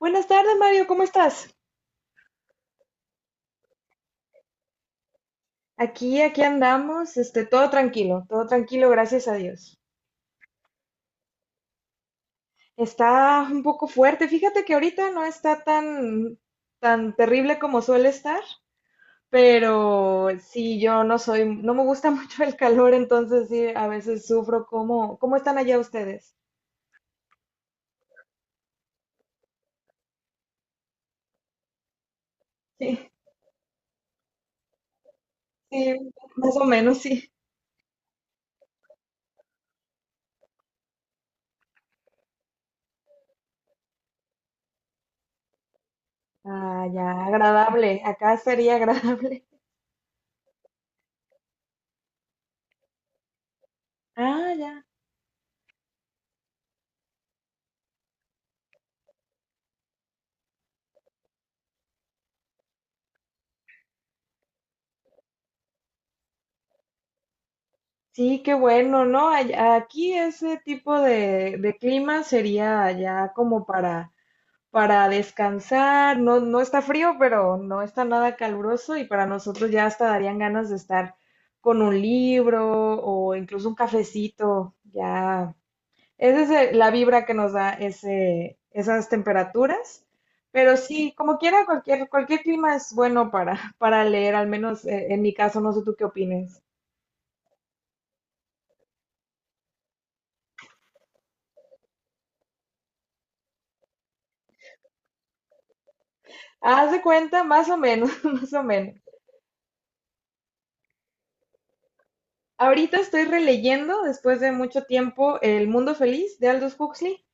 Buenas tardes, Mario, ¿cómo estás? Aquí andamos, todo tranquilo, gracias a Dios. Está un poco fuerte, fíjate que ahorita no está tan terrible como suele estar, pero sí, yo no soy, no me gusta mucho el calor, entonces sí, a veces sufro. ¿Cómo están allá ustedes? Sí, sí, más o menos, sí. Ah, ya, agradable, acá sería agradable. Ah, ya. Sí, qué bueno, ¿no? Aquí ese tipo de clima sería ya como para descansar, no, no está frío, pero no está nada caluroso y para nosotros ya hasta darían ganas de estar con un libro o incluso un cafecito, ya. Esa es la vibra que nos da esas temperaturas, pero sí, como quiera, cualquier clima es bueno para, para leer, al menos en mi caso, no sé tú qué opines. Haz de cuenta, más o menos, más o menos. Ahorita estoy releyendo, después de mucho tiempo, El Mundo Feliz de Aldous Huxley.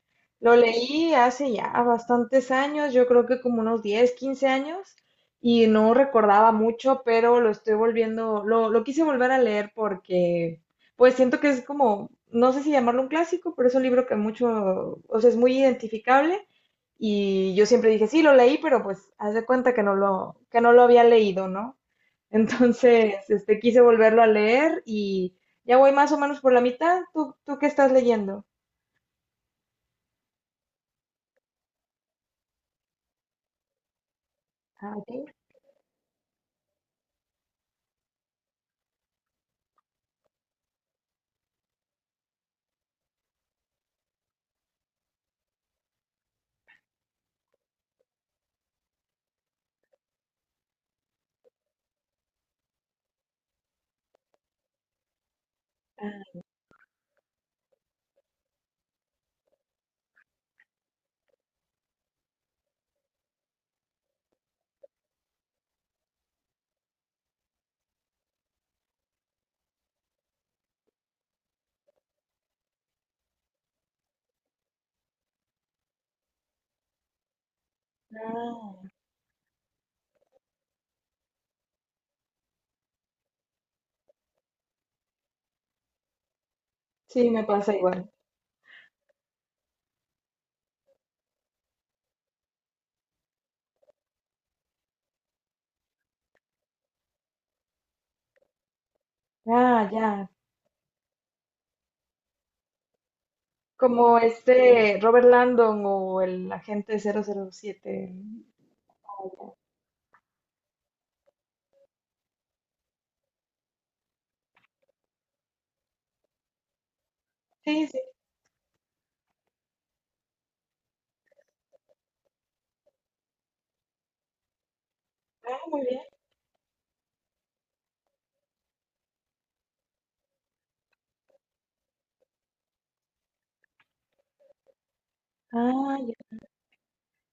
Lo leí hace ya bastantes años, yo creo que como unos 10, 15 años, y no recordaba mucho, pero lo estoy volviendo, lo quise volver a leer porque, pues siento que es como, no sé si llamarlo un clásico, pero es un libro que mucho, o sea, es muy identificable. Y yo siempre dije, sí, lo leí, pero pues haz de cuenta que no lo había leído, ¿no? Entonces, quise volverlo a leer y ya voy más o menos por la mitad. ¿Tú qué estás leyendo? Ah, ok. Ah. Sí, me pasa igual. Ah, ya. Como este Robert Landon o el agente 007. Sí, sí, ah, muy bien. Ah,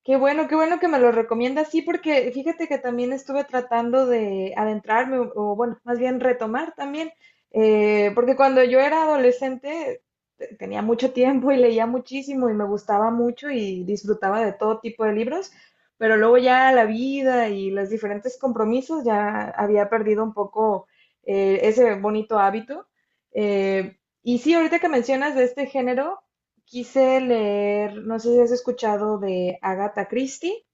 qué bueno, qué bueno que me lo recomiendas, sí, porque fíjate que también estuve tratando de adentrarme, o bueno, más bien retomar también, porque cuando yo era adolescente tenía mucho tiempo y leía muchísimo y me gustaba mucho y disfrutaba de todo tipo de libros, pero luego ya la vida y los diferentes compromisos ya había perdido un poco ese bonito hábito. Y sí, ahorita que mencionas de este género, quise leer, no sé si has escuchado de Agatha Christie.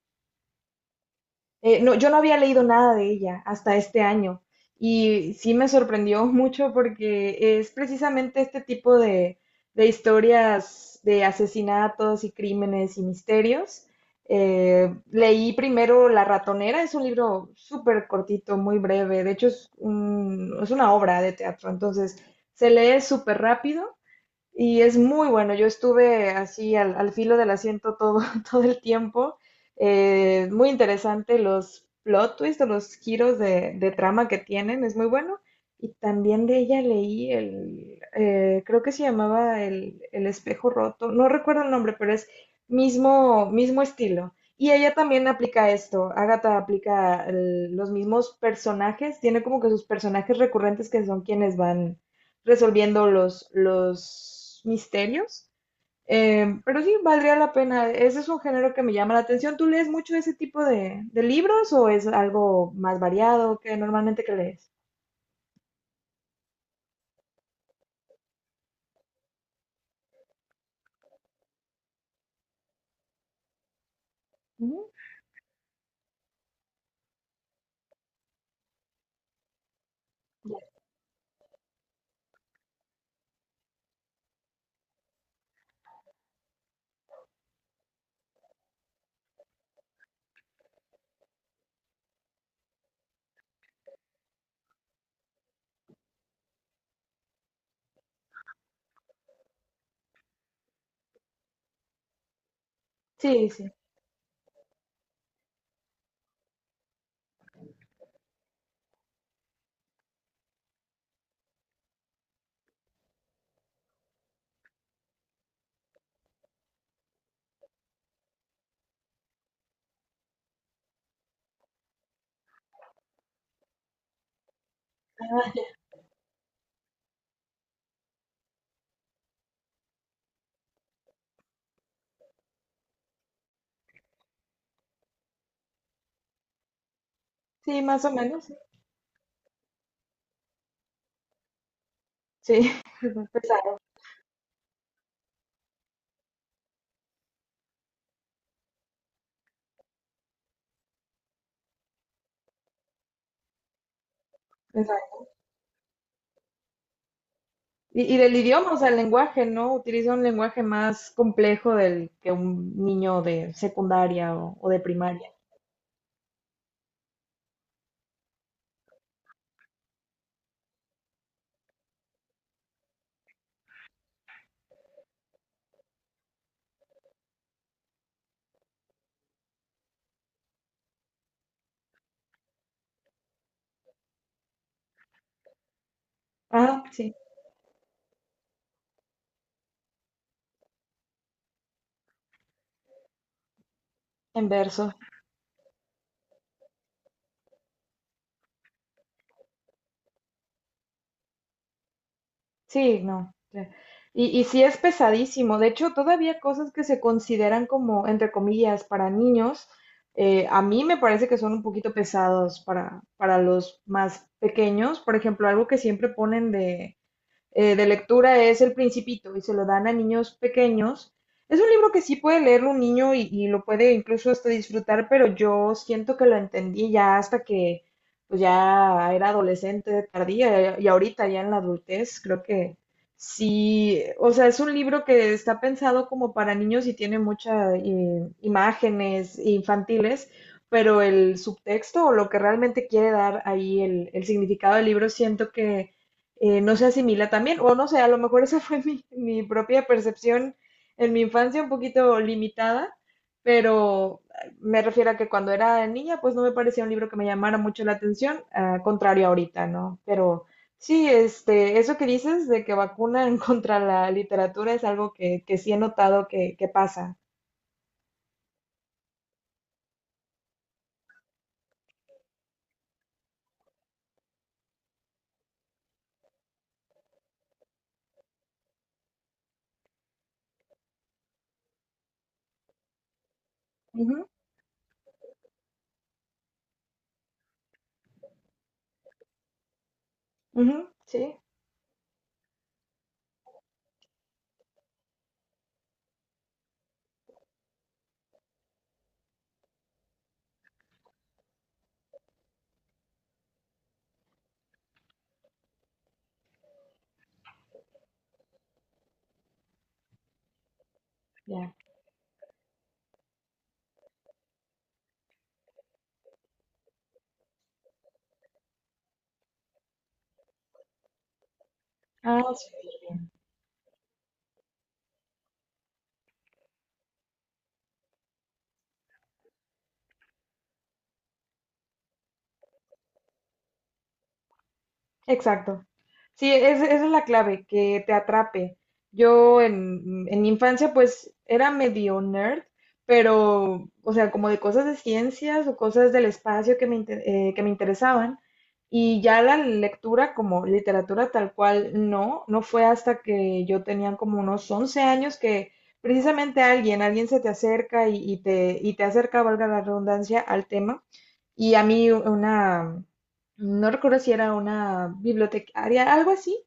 No, yo no había leído nada de ella hasta este año y sí me sorprendió mucho porque es precisamente este tipo de historias de asesinatos y crímenes y misterios. Leí primero La ratonera, es un libro súper cortito, muy breve, de hecho es, es una obra de teatro, entonces se lee súper rápido y es muy bueno. Yo estuve así al filo del asiento todo, todo el tiempo. Muy interesante los plot twists o los giros de trama que tienen. Es muy bueno. Y también de ella leí creo que se llamaba el espejo roto. No recuerdo el nombre, pero es mismo, mismo estilo. Y ella también aplica esto. Agatha aplica los mismos personajes. Tiene como que sus personajes recurrentes que son quienes van resolviendo los misterios. Pero sí, valdría la pena. Ese es un género que me llama la atención. ¿Tú lees mucho ese tipo de libros o es algo más variado que normalmente que lees? Ujú, ya. Sí, sí. Ah, sí, más o menos. Sí, sí, pesado, pesado. Y del idioma, o sea, el lenguaje, ¿no? Utiliza un lenguaje más complejo del que un niño de secundaria o de primaria. Ah, sí, en verso. Sí, no. Ya. Y sí es pesadísimo. De hecho, todavía cosas que se consideran como, entre comillas, para niños, a mí me parece que son un poquito pesados para los más pequeños. Por ejemplo, algo que siempre ponen de lectura es El Principito y se lo dan a niños pequeños. Es un libro que sí puede leerlo un niño y lo puede incluso hasta disfrutar, pero yo siento que lo entendí ya hasta que pues ya era adolescente tardía y ahorita ya en la adultez creo que sí, o sea, es un libro que está pensado como para niños y tiene muchas imágenes infantiles, pero el subtexto o lo que realmente quiere dar ahí el significado del libro siento que no se asimila también, o no sé, a lo mejor esa fue mi propia percepción en mi infancia un poquito limitada, pero me refiero a que cuando era niña, pues no me parecía un libro que me llamara mucho la atención, a contrario ahorita, ¿no? Pero sí, eso que dices de que vacunan contra la literatura es algo que sí he notado que pasa. Ujú, ujú, sí, ya. Ah, sí. Exacto. Sí, esa es la clave, que te atrape. Yo en mi infancia pues era medio nerd, pero, o sea, como de cosas de ciencias o cosas del espacio que me interesaban. Y ya la lectura como literatura tal cual, no, no fue hasta que yo tenía como unos 11 años que precisamente alguien se te acerca y te acerca, valga la redundancia, al tema. Y a mí una, no recuerdo si era una bibliotecaria, algo así,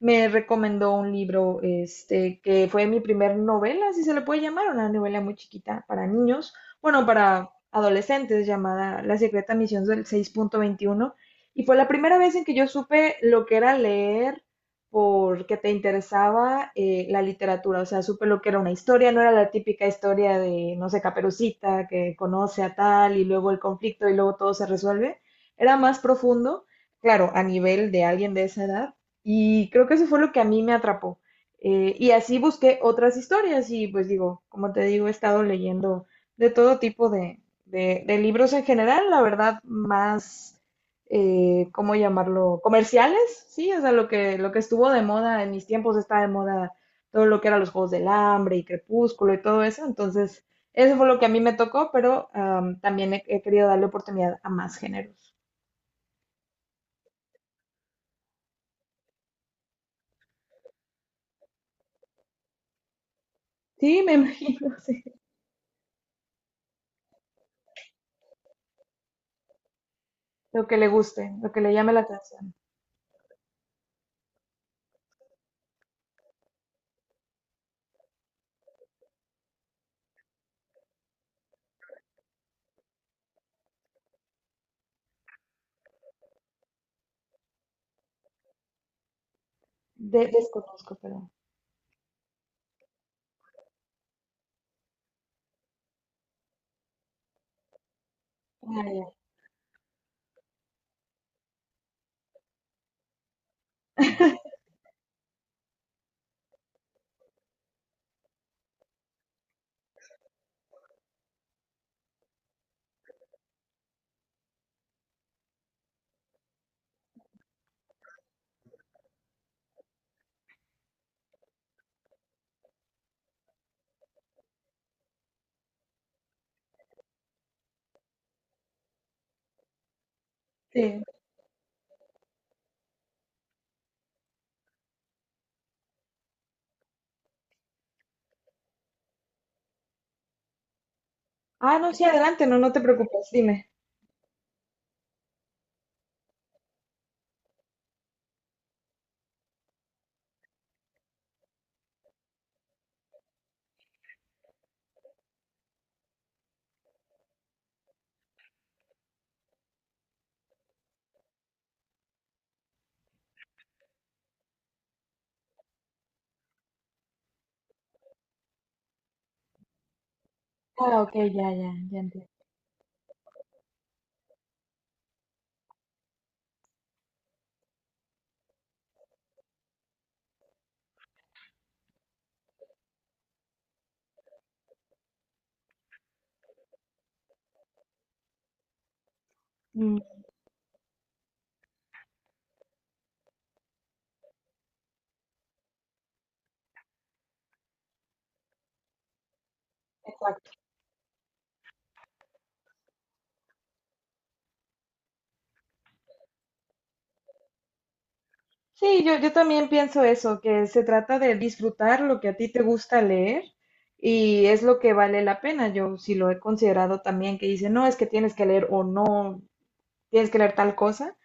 me recomendó un libro, que fue mi primer novela, si se le puede llamar, una novela muy chiquita para niños, bueno, para adolescentes, llamada La secreta misión del 6.21, y fue la primera vez en que yo supe lo que era leer porque te interesaba la literatura, o sea, supe lo que era una historia, no era la típica historia de, no sé, Caperucita, que conoce a tal y luego el conflicto y luego todo se resuelve, era más profundo, claro, a nivel de alguien de esa edad, y creo que eso fue lo que a mí me atrapó. Y así busqué otras historias y pues digo, como te digo, he estado leyendo de todo tipo de libros en general, la verdad, más, ¿cómo llamarlo? Comerciales, sí, o sea, lo que estuvo de moda en mis tiempos está de moda todo lo que eran los Juegos del Hambre y Crepúsculo y todo eso, entonces eso fue lo que a mí me tocó, pero también he querido darle oportunidad a más géneros. Sí, me imagino, sí. Lo que le guste, lo que le llame la atención. Desconozco, pero. Ah, ya. Sí. Ah, no, sí, adelante, no, no te preocupes, dime. Ah, ok, ya, ya, ya entiendo. Mm, exacto. Sí, yo también pienso eso, que se trata de disfrutar lo que a ti te gusta leer y es lo que vale la pena. Yo sí lo he considerado también, que dice, no, es que tienes que leer o no, tienes que leer tal cosa.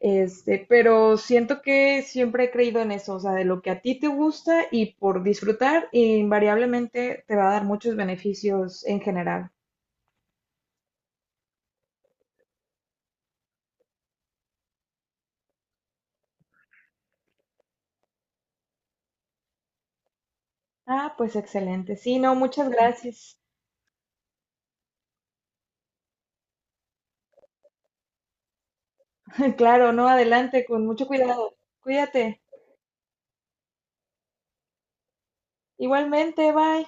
Pero siento que siempre he creído en eso, o sea, de lo que a ti te gusta y por disfrutar, invariablemente te va a dar muchos beneficios en general. Ah, pues excelente. Sí, no, muchas gracias. Claro, no, adelante, con mucho cuidado. Cuídate. Igualmente, bye.